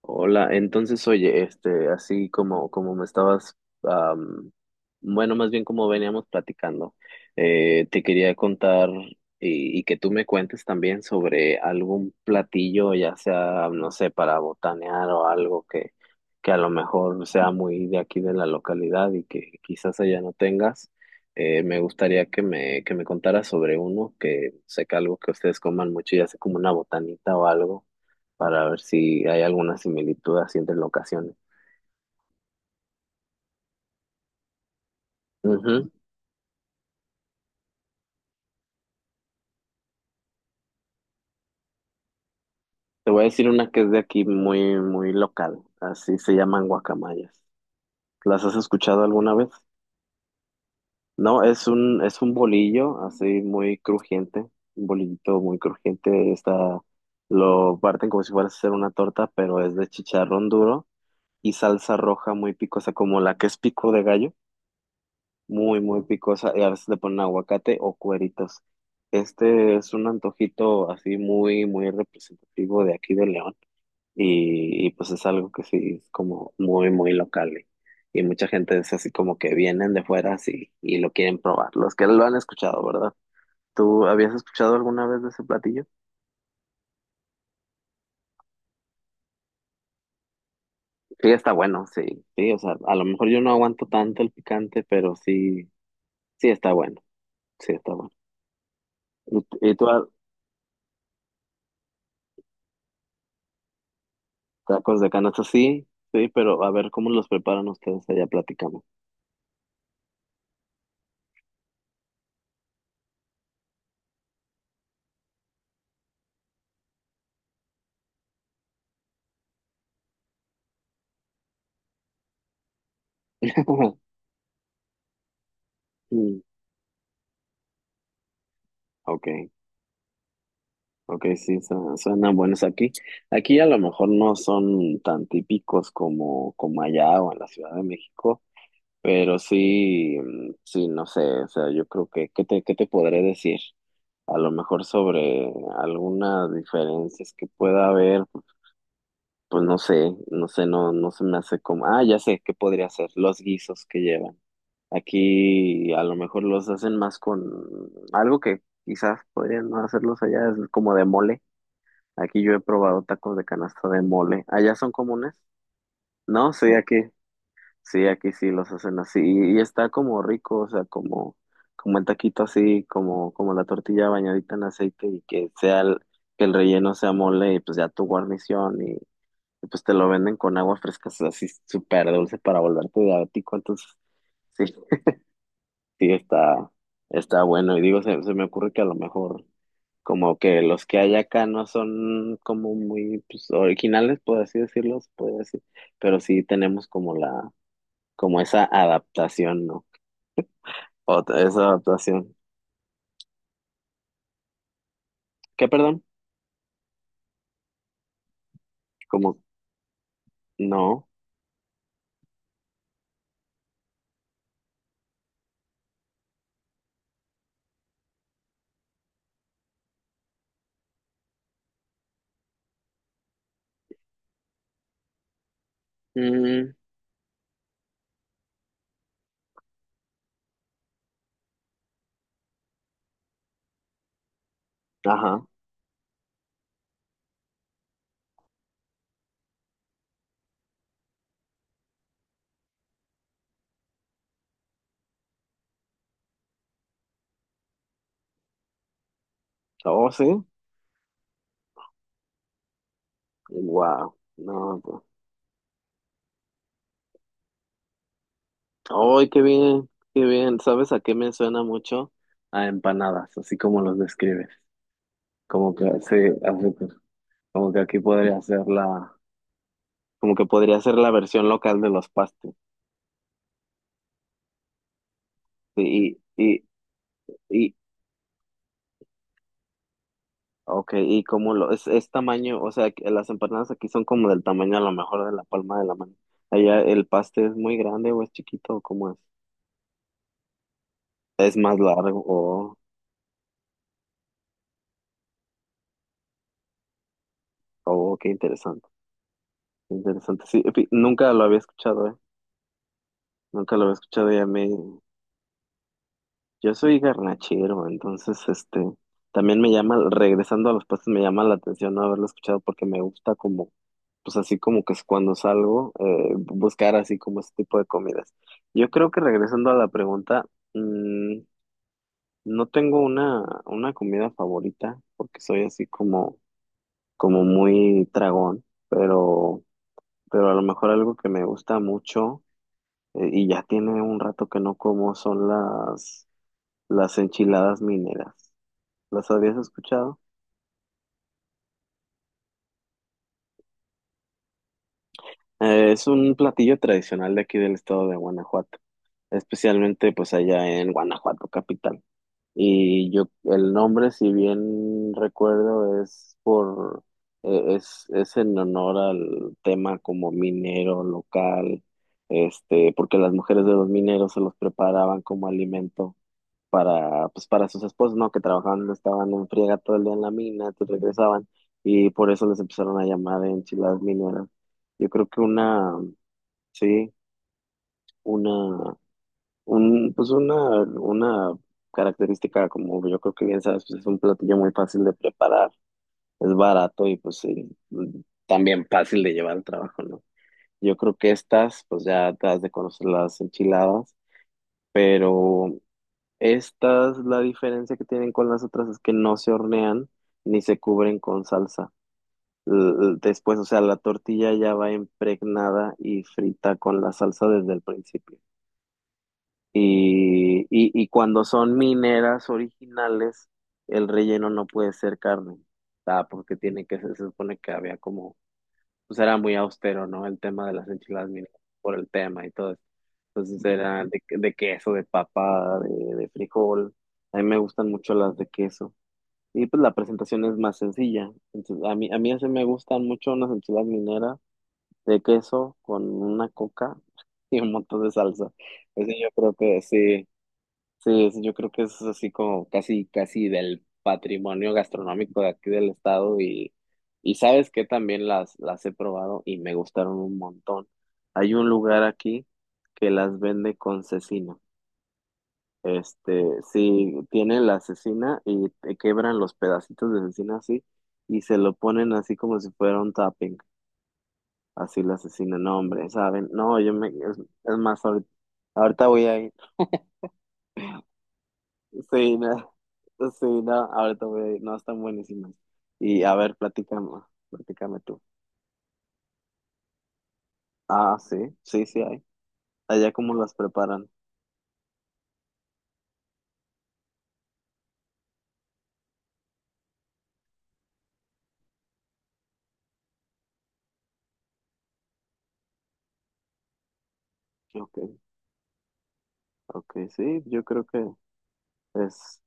Hola, entonces oye, así como me estabas, am, bueno, más bien como veníamos platicando, te quería contar y que tú me cuentes también sobre algún platillo, ya sea, no sé, para botanear o algo que a lo mejor sea muy de aquí de la localidad y que quizás allá no tengas. Me gustaría que que me contaras sobre uno, que sé que algo que ustedes coman mucho, ya sea como una botanita o algo para ver si hay alguna similitud así entre locaciones. Ujú. Te voy a decir una que es de aquí muy, muy local. Así se llaman guacamayas. ¿Las has escuchado alguna vez? No, es un bolillo así muy crujiente, un bolillito muy crujiente. Está, lo parten como si fuera a hacer una torta, pero es de chicharrón duro y salsa roja muy picosa, como la que es pico de gallo. Muy, muy picosa y a veces le ponen aguacate o cueritos. Este es un antojito así muy, muy representativo de aquí de León y, pues es algo que sí es como muy, muy local y mucha gente es así como que vienen de fuera así y lo quieren probar, los que lo han escuchado, ¿verdad? ¿Tú habías escuchado alguna vez de ese platillo? Sí, está bueno, sí, sí, o sea, a lo mejor yo no aguanto tanto el picante, pero sí, sí está bueno, sí está bueno. ¿Y, y tú? Tacos de canasta, sí, sí, pero a ver cómo los preparan ustedes allá, platicamos. Mm, ok, ok, sí, suenan buenos aquí. Aquí a lo mejor no son tan típicos como, como allá o en la Ciudad de México, pero sí, sí, no sé, o sea, yo creo que, qué te podré decir? A lo mejor sobre algunas diferencias que pueda haber, pues no sé, no sé, no, no se me hace como, ah, ya sé, ¿qué podría ser? Los guisos que llevan. Aquí a lo mejor los hacen más con algo que quizás podrían no hacerlos allá, es como de mole. Aquí yo he probado tacos de canasta de mole. ¿Allá son comunes? No, sí, aquí, sí, aquí sí los hacen así. Y está como rico, o sea, como, como el taquito así, como, como la tortilla bañadita en aceite y que sea el, que el relleno sea mole y pues ya tu guarnición y pues te lo venden con agua fresca, o sea, así súper dulce para volverte diabético. Entonces, sí. Sí, está, está bueno. Y digo, se me ocurre que a lo mejor como que los que hay acá no son como muy pues, originales, por así decirlo, se puede decir, pero sí tenemos como la, como esa adaptación, ¿no? Esa adaptación. ¿Qué, perdón? Como, no. Mm, ajá. Oh, sí. Wow. No, pues. Ay, qué bien, qué bien. ¿Sabes a qué me suena mucho? A empanadas, así como los describes. Como que, sí, así. Pues, como que aquí podría ser la, como que podría ser la versión local de los pastes. Sí, y, ok, y como lo, es tamaño, o sea, que las empanadas aquí son como del tamaño a lo mejor de la palma de la mano. Allá el paste es muy grande o es chiquito o cómo es. Es más largo, o oh, qué interesante, qué interesante. Sí, nunca lo había escuchado, ¿eh? Nunca lo había escuchado y a mí, yo soy garnachero, entonces, también me llama, regresando a los pastes, me llama la atención no haberlo escuchado porque me gusta como pues así como que es cuando salgo, buscar así como ese tipo de comidas. Yo creo que regresando a la pregunta, mm, no tengo una comida favorita, porque soy así como, como muy tragón, pero a lo mejor algo que me gusta mucho, y ya tiene un rato que no como, son las enchiladas mineras. ¿Las habías escuchado? Es un platillo tradicional de aquí del estado de Guanajuato, especialmente pues allá en Guanajuato capital. Y yo, el nombre, si bien recuerdo, es por, es en honor al tema como minero local, porque las mujeres de los mineros se los preparaban como alimento para, pues, para sus esposos, ¿no? Que trabajaban, estaban en friega todo el día en la mina, te regresaban, y por eso les empezaron a llamar enchiladas mineras. Yo creo que una, sí, una un, pues una característica, como yo creo que bien sabes, pues es un platillo muy fácil de preparar, es barato y pues sí, también fácil de llevar al trabajo, ¿no? Yo creo que estas, pues ya te has de conocer las enchiladas, pero estas, la diferencia que tienen con las otras es que no se hornean ni se cubren con salsa. Después, o sea, la tortilla ya va impregnada y frita con la salsa desde el principio. Y cuando son mineras originales, el relleno no puede ser carne, ah, porque tiene que, se supone que había como, pues era muy austero, ¿no? El tema de las enchiladas mineras por el tema y todo eso. Entonces era de queso, de papa, de frijol. A mí me gustan mucho las de queso. Y pues la presentación es más sencilla. Entonces, a mí así me gustan mucho unas enchiladas mineras de queso con una coca y un montón de salsa. Eso yo creo que sí. Sí, yo creo que es así como casi, casi del patrimonio gastronómico de aquí del estado y sabes que también las he probado y me gustaron un montón. Hay un lugar aquí que las vende con cecina. Este, sí, tienen la cecina y te quebran los pedacitos de cecina así y se lo ponen así como si fuera un tapping, así la cecina. No, hombre, ¿saben? No, yo me, es más, ahorita, ahorita voy a ir. Sí, no, sí, no, ahorita voy, no, están buenísimas. Y a ver, platícame, platícame tú. Ah, sí, sí, sí hay. Allá cómo las preparan. Ok, ok, sí, yo creo que es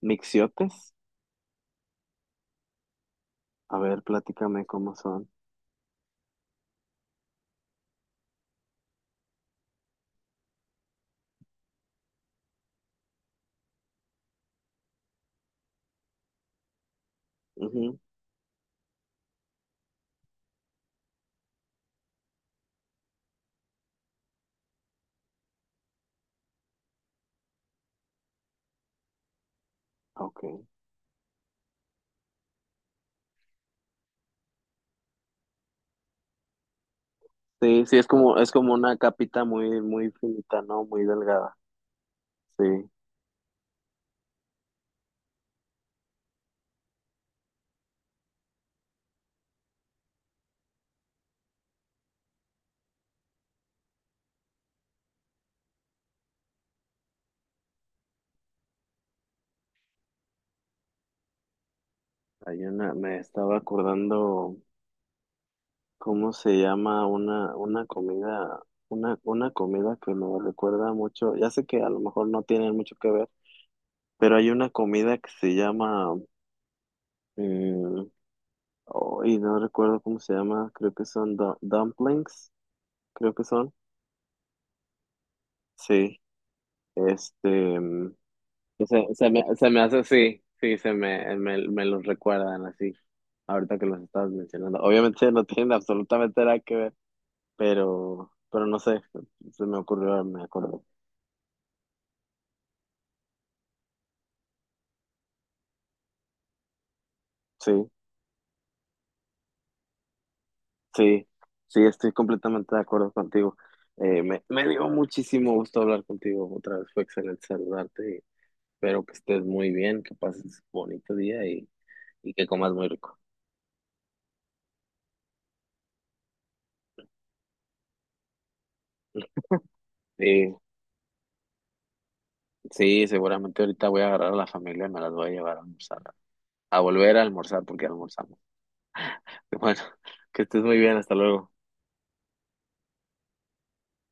mixiotes. A ver, platícame cómo son. Ujú, ok. Sí, sí, es como una capita muy, muy finita, ¿no? Muy delgada. Sí, hay una, me estaba acordando. ¿Cómo se llama una comida que me recuerda mucho? Ya sé que a lo mejor no tienen mucho que ver, pero hay una comida que se llama, mm, oh, y no recuerdo cómo se llama, creo que son dumplings, creo que son, sí, este, mm, se, se me hace así, sí, se me, me, me los recuerdan así, ahorita que los estabas mencionando. Obviamente no tienen absolutamente nada que ver, pero no sé, se me ocurrió, me acuerdo, sí. Sí, sí, estoy completamente de acuerdo contigo. Me, me dio muchísimo gusto hablar contigo otra vez, fue excelente saludarte. Y espero que estés muy bien, que pases bonito día y que comas muy rico. Sí, sí, seguramente ahorita voy a agarrar a la familia y me las voy a llevar a almorzar, a volver a almorzar porque ya almorzamos. Bueno, que estés muy bien, hasta luego.